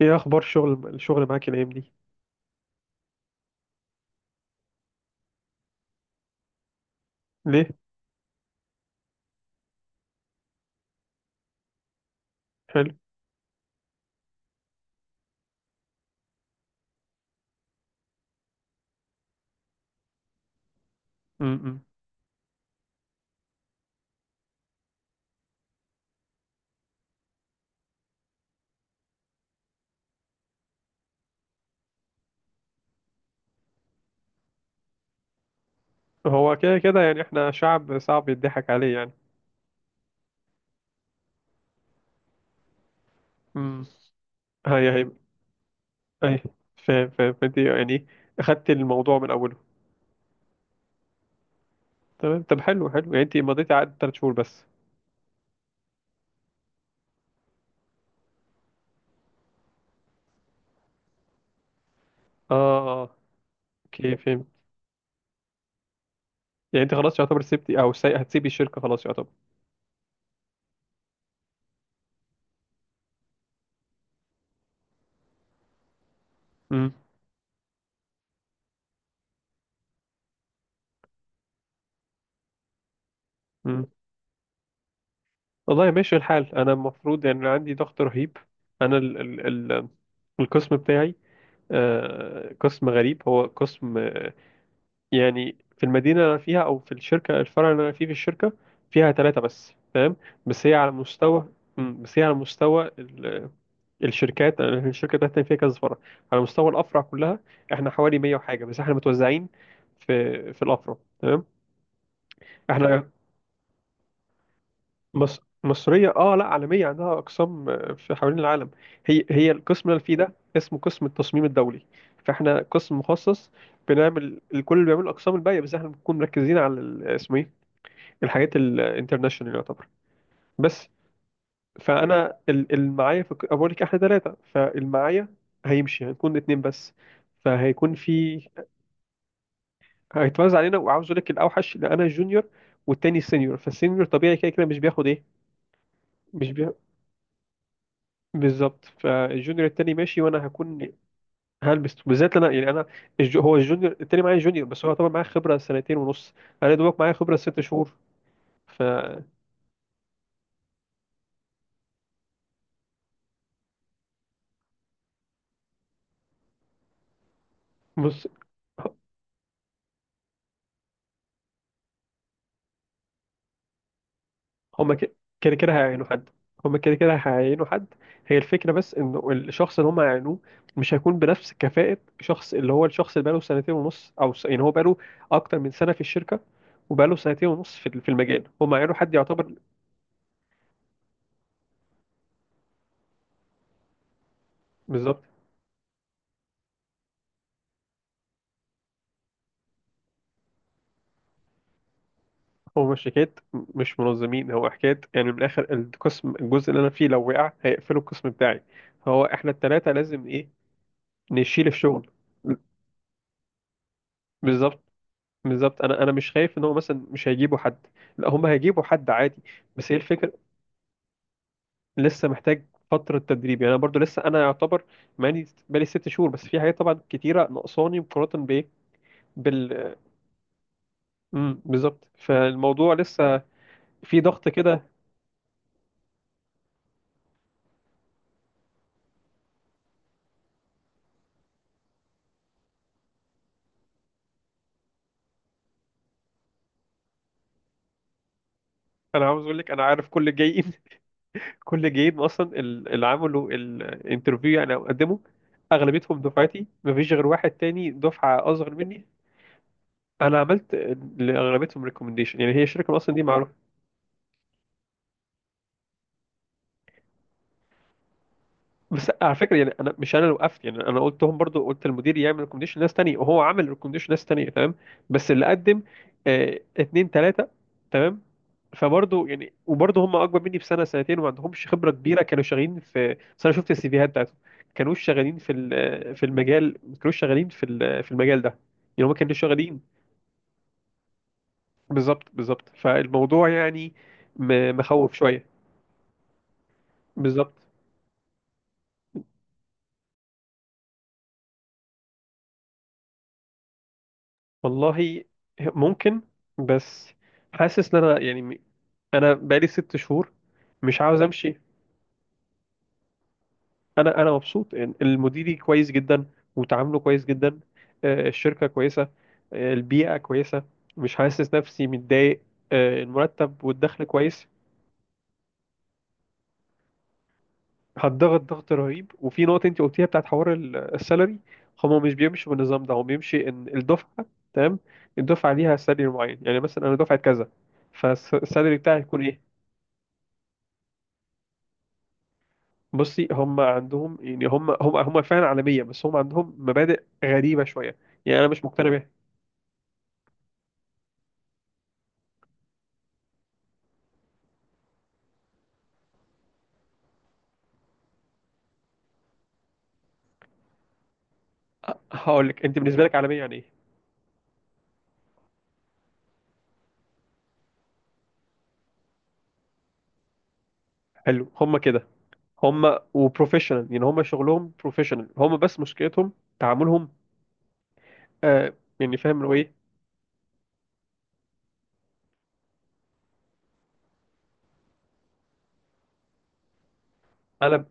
ايه اخبار الشغل معاك الايام دي؟ ليه؟ حلو. امم هو كده كده يعني احنا شعب صعب يضحك عليه يعني. امم هاي هاي هاي. فاهم فاهم، فانت يعني اخدت الموضوع من اوله؟ تمام. طب حلو حلو، يعني انت مضيتي عقد 3 شهور بس؟ اه اه، اوكي فهمت. يعني انت خلاص يعتبر سبتي او هتسيبي الشركه؟ خلاص يعتبر. امم امم والله ماشي الحال. انا المفروض يعني عندي ضغط رهيب. انا القسم بتاعي، قسم غريب. هو قسم يعني في المدينة اللي أنا فيها، أو في الشركة الفرع اللي أنا فيه في الشركة، فيها ثلاثة بس، فاهم؟ بس هي على مستوى، بس هي على مستوى الشركات. أنا الشركة بتاعتنا فيها كذا فرع. على مستوى الأفرع كلها إحنا حوالي 100 وحاجة، بس إحنا متوزعين في الأفرع، تمام. إحنا مصرية، لا عالمية، عندها أقسام في حوالين العالم. هي القسم اللي أنا فيه ده اسمه قسم التصميم الدولي. فإحنا قسم مخصص، بنعمل الكل اللي بيعمل الأقسام الباقية، بس إحنا بنكون مركزين على اسمه إيه، الحاجات الانترناشونال يعتبر. بس فانا المعايا في أنا بقول لك احنا ثلاثه. فالمعايا هيمشي، هنكون اتنين بس. فهيكون في، هيتوزع علينا. وعاوز اقول لك الاوحش ان انا جونيور والتاني سينيور، فالسينيور طبيعي كده كده مش بياخد ايه. مش بي... بالظبط. فالجونيور التاني ماشي، وانا هكون، هلبس. بالذات انا يعني انا هو الجونيور التاني معايا جونيور، بس هو طبعا معايا خبره سنتين ونص، انا دوبك معايا خبره ست شهور. ف بص، هما ك- كده كده هيعينوا حد. هما كده كده هيعينوا حد. هي الفكرة، بس انه الشخص اللي هما هيعينوه مش هيكون بنفس كفاءة شخص اللي هو الشخص اللي بقاله سنتين ونص او يعني هو بقاله اكتر من سنة في الشركة، وبقاله سنتين ونص في المجال. هما هيعينوا حد يعتبر. بالظبط. هو مش حكاية مش منظمين، هو حكاية يعني من الاخر القسم الجزء اللي انا فيه لو وقع هيقفلوا القسم بتاعي. فهو احنا التلاتة لازم ايه، نشيل الشغل. بالظبط بالظبط. انا مش خايف ان هو مثلا مش هيجيبوا حد، لا هم هيجيبوا حد عادي. بس هي الفكره، لسه محتاج فتره تدريب، يعني انا برضو لسه انا يعتبر ماني بقالي 6 شهور بس في حاجات طبعا كتيره ناقصاني مقارنه بايه، بال بالظبط. فالموضوع لسه في ضغط كده. انا عاوز اقول لك انا عارف كل الجايين كل الجايين اصلا اللي عملوا الانترفيو يعني او قدموا، اغلبيتهم دفعتي، مفيش غير واحد تاني دفعه اصغر مني. انا عملت لاغلبيتهم ريكومنديشن، يعني هي الشركه اصلا دي. بس على فكره يعني انا مش انا اللي وقفت، يعني انا قلتهم برضو، قلت المدير يعمل ريكومنديشن لناس تانية، وهو عمل ريكومنديشن لناس تانية، تمام. بس اللي قدم اتنين تلاته، تمام. فبرضو يعني، وبرضو هم اكبر مني بسنه سنتين وما عندهمش خبره كبيره. كانوا شغالين في، بس انا شفت السيفيهات بتاعتهم، كانوا شغالين في في المجال، ما كانوش شغالين في في المجال ده. يعني هم كانوا شغالين. بالظبط بالظبط. فالموضوع يعني مخوف شويه. بالظبط. والله ممكن، بس حاسس ان انا يعني انا بقالي 6 شهور، مش عاوز امشي. انا مبسوط إن المديري كويس جدا، وتعامله كويس جدا، الشركه كويسه، البيئه كويسه، مش حاسس نفسي متضايق، المرتب والدخل كويس. هتضغط ضغط رهيب. وفي نقطه انت قلتيها بتاعت حوار السالري، هما مش بيمشوا بالنظام ده. هو بيمشي ان الدفعه، تمام، الدفعه ليها سالري معين. يعني مثلا انا دفعه كذا، فالسالري بتاعي يكون ايه؟ بصي، هم عندهم يعني هم فعلا عالميه، بس هم عندهم مبادئ غريبه شويه، يعني انا مش مقتنع بيها. هقول لك انت بالنسبه لك عالميه يعني ايه؟ حلو، هم كده. هم وبروفيشنال، يعني هم شغلهم بروفيشنال، هم بس مشكلتهم تعاملهم، آه يعني فاهم اللي هو ايه. انا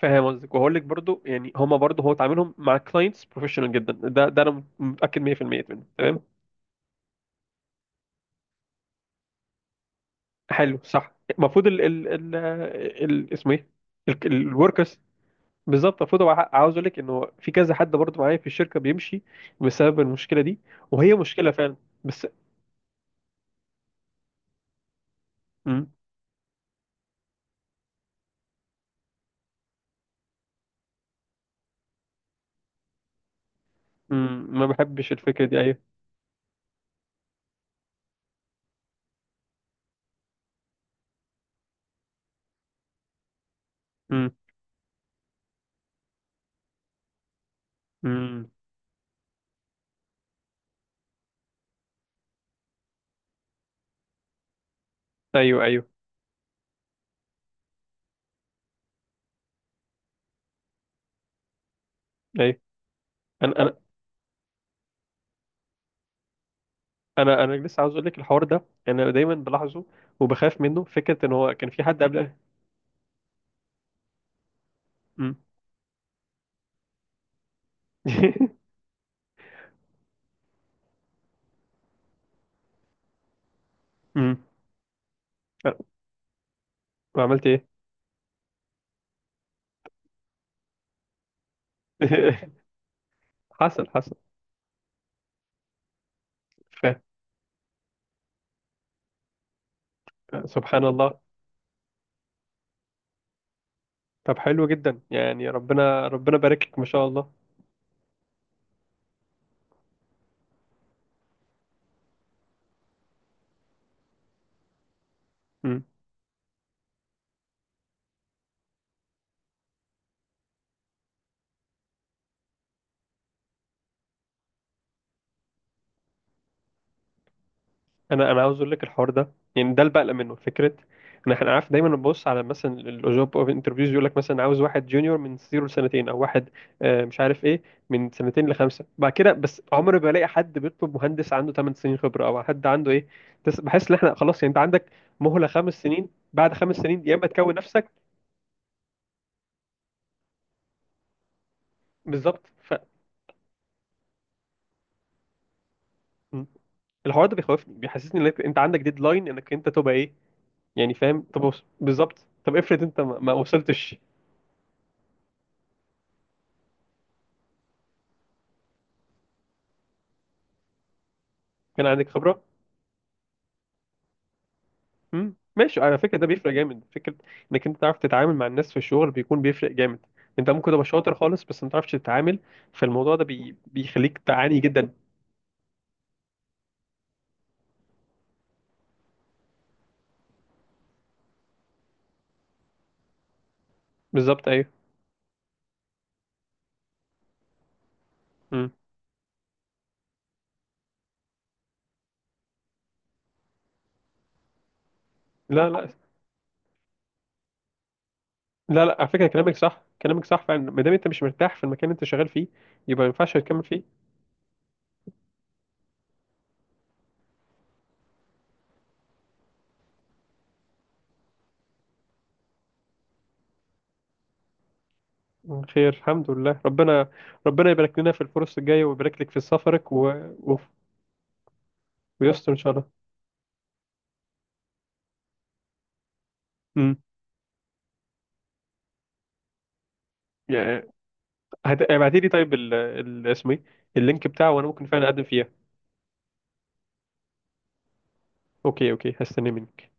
فاهم قصدك، وهقول لك برضو، يعني هم برضو هو تعاملهم مع كلاينتس بروفيشنال جدا، ده انا متاكد 100% منه، تمام. حلو، صح. المفروض اسمه ايه، الوركرز. بالظبط، المفروض هو عاوز اقول لك انه في كذا حد برضه معايا في الشركه بيمشي بسبب المشكله دي، وهي مشكله فعلا. بس. مم. مم. ما بحبش الفكره دي، ايوه. مم. مم. ايوه ايوه ايوه. انا انا انا لسه عاوز اقول لك الحوار ده، انا دايما بلاحظه وبخاف منه فكره ان هو كان في حد قبل. مم. مم. أه، وعملت ايه؟ حصل حصل. ف... سبحان الله. طب حلو جدا يعني، ربنا ربنا بارك لك ما شاء الله. انا عاوز اقول لك الحوار ده يعني ده اللي بقلق منه، فكره ان احنا عارف دايما نبص على مثلا الجوب اوف انترفيوز، يقول لك مثلا عاوز واحد جونيور من زيرو لسنتين، او واحد مش عارف ايه، من سنتين لخمسه. بعد كده، بس عمري ما الاقي حد بيطلب مهندس عنده 8 سنين خبره او حد عنده ايه. بحس ان احنا خلاص. يعني انت عندك مهله 5 سنين، بعد 5 سنين يا اما تكون نفسك. بالظبط. م. الحوار ده بيخوفني، بيحسسني انك انت عندك ديدلاين انك انت تبقى ايه. يعني فاهم، طب بالظبط. طب افرض انت ما وصلتش، كان عندك خبره. مم. ماشي، على فكره ده بيفرق جامد. فكره انك انت تعرف تتعامل مع الناس في الشغل بيكون بيفرق جامد. انت ممكن تبقى شاطر خالص، بس ما تعرفش تتعامل. فالموضوع ده بيخليك تعاني جدا. بالظبط، ايوه. مم. لا لا لا لا، على فكره كلامك صح، كلامك صح فعلا. ما دام انت مش مرتاح في المكان اللي انت شغال فيه، يبقى ما ينفعش تكمل فيه. مم. خير، الحمد لله. ربنا ربنا يبارك لنا في الفرص الجايه، ويبارك لك في سفرك، و... ويستر ان شاء الله. امم يعني ابعتي لي طيب اسمه ايه، اللينك بتاعه، وانا ممكن فعلا اقدم فيه. اوكي اوكي، هستنى منك.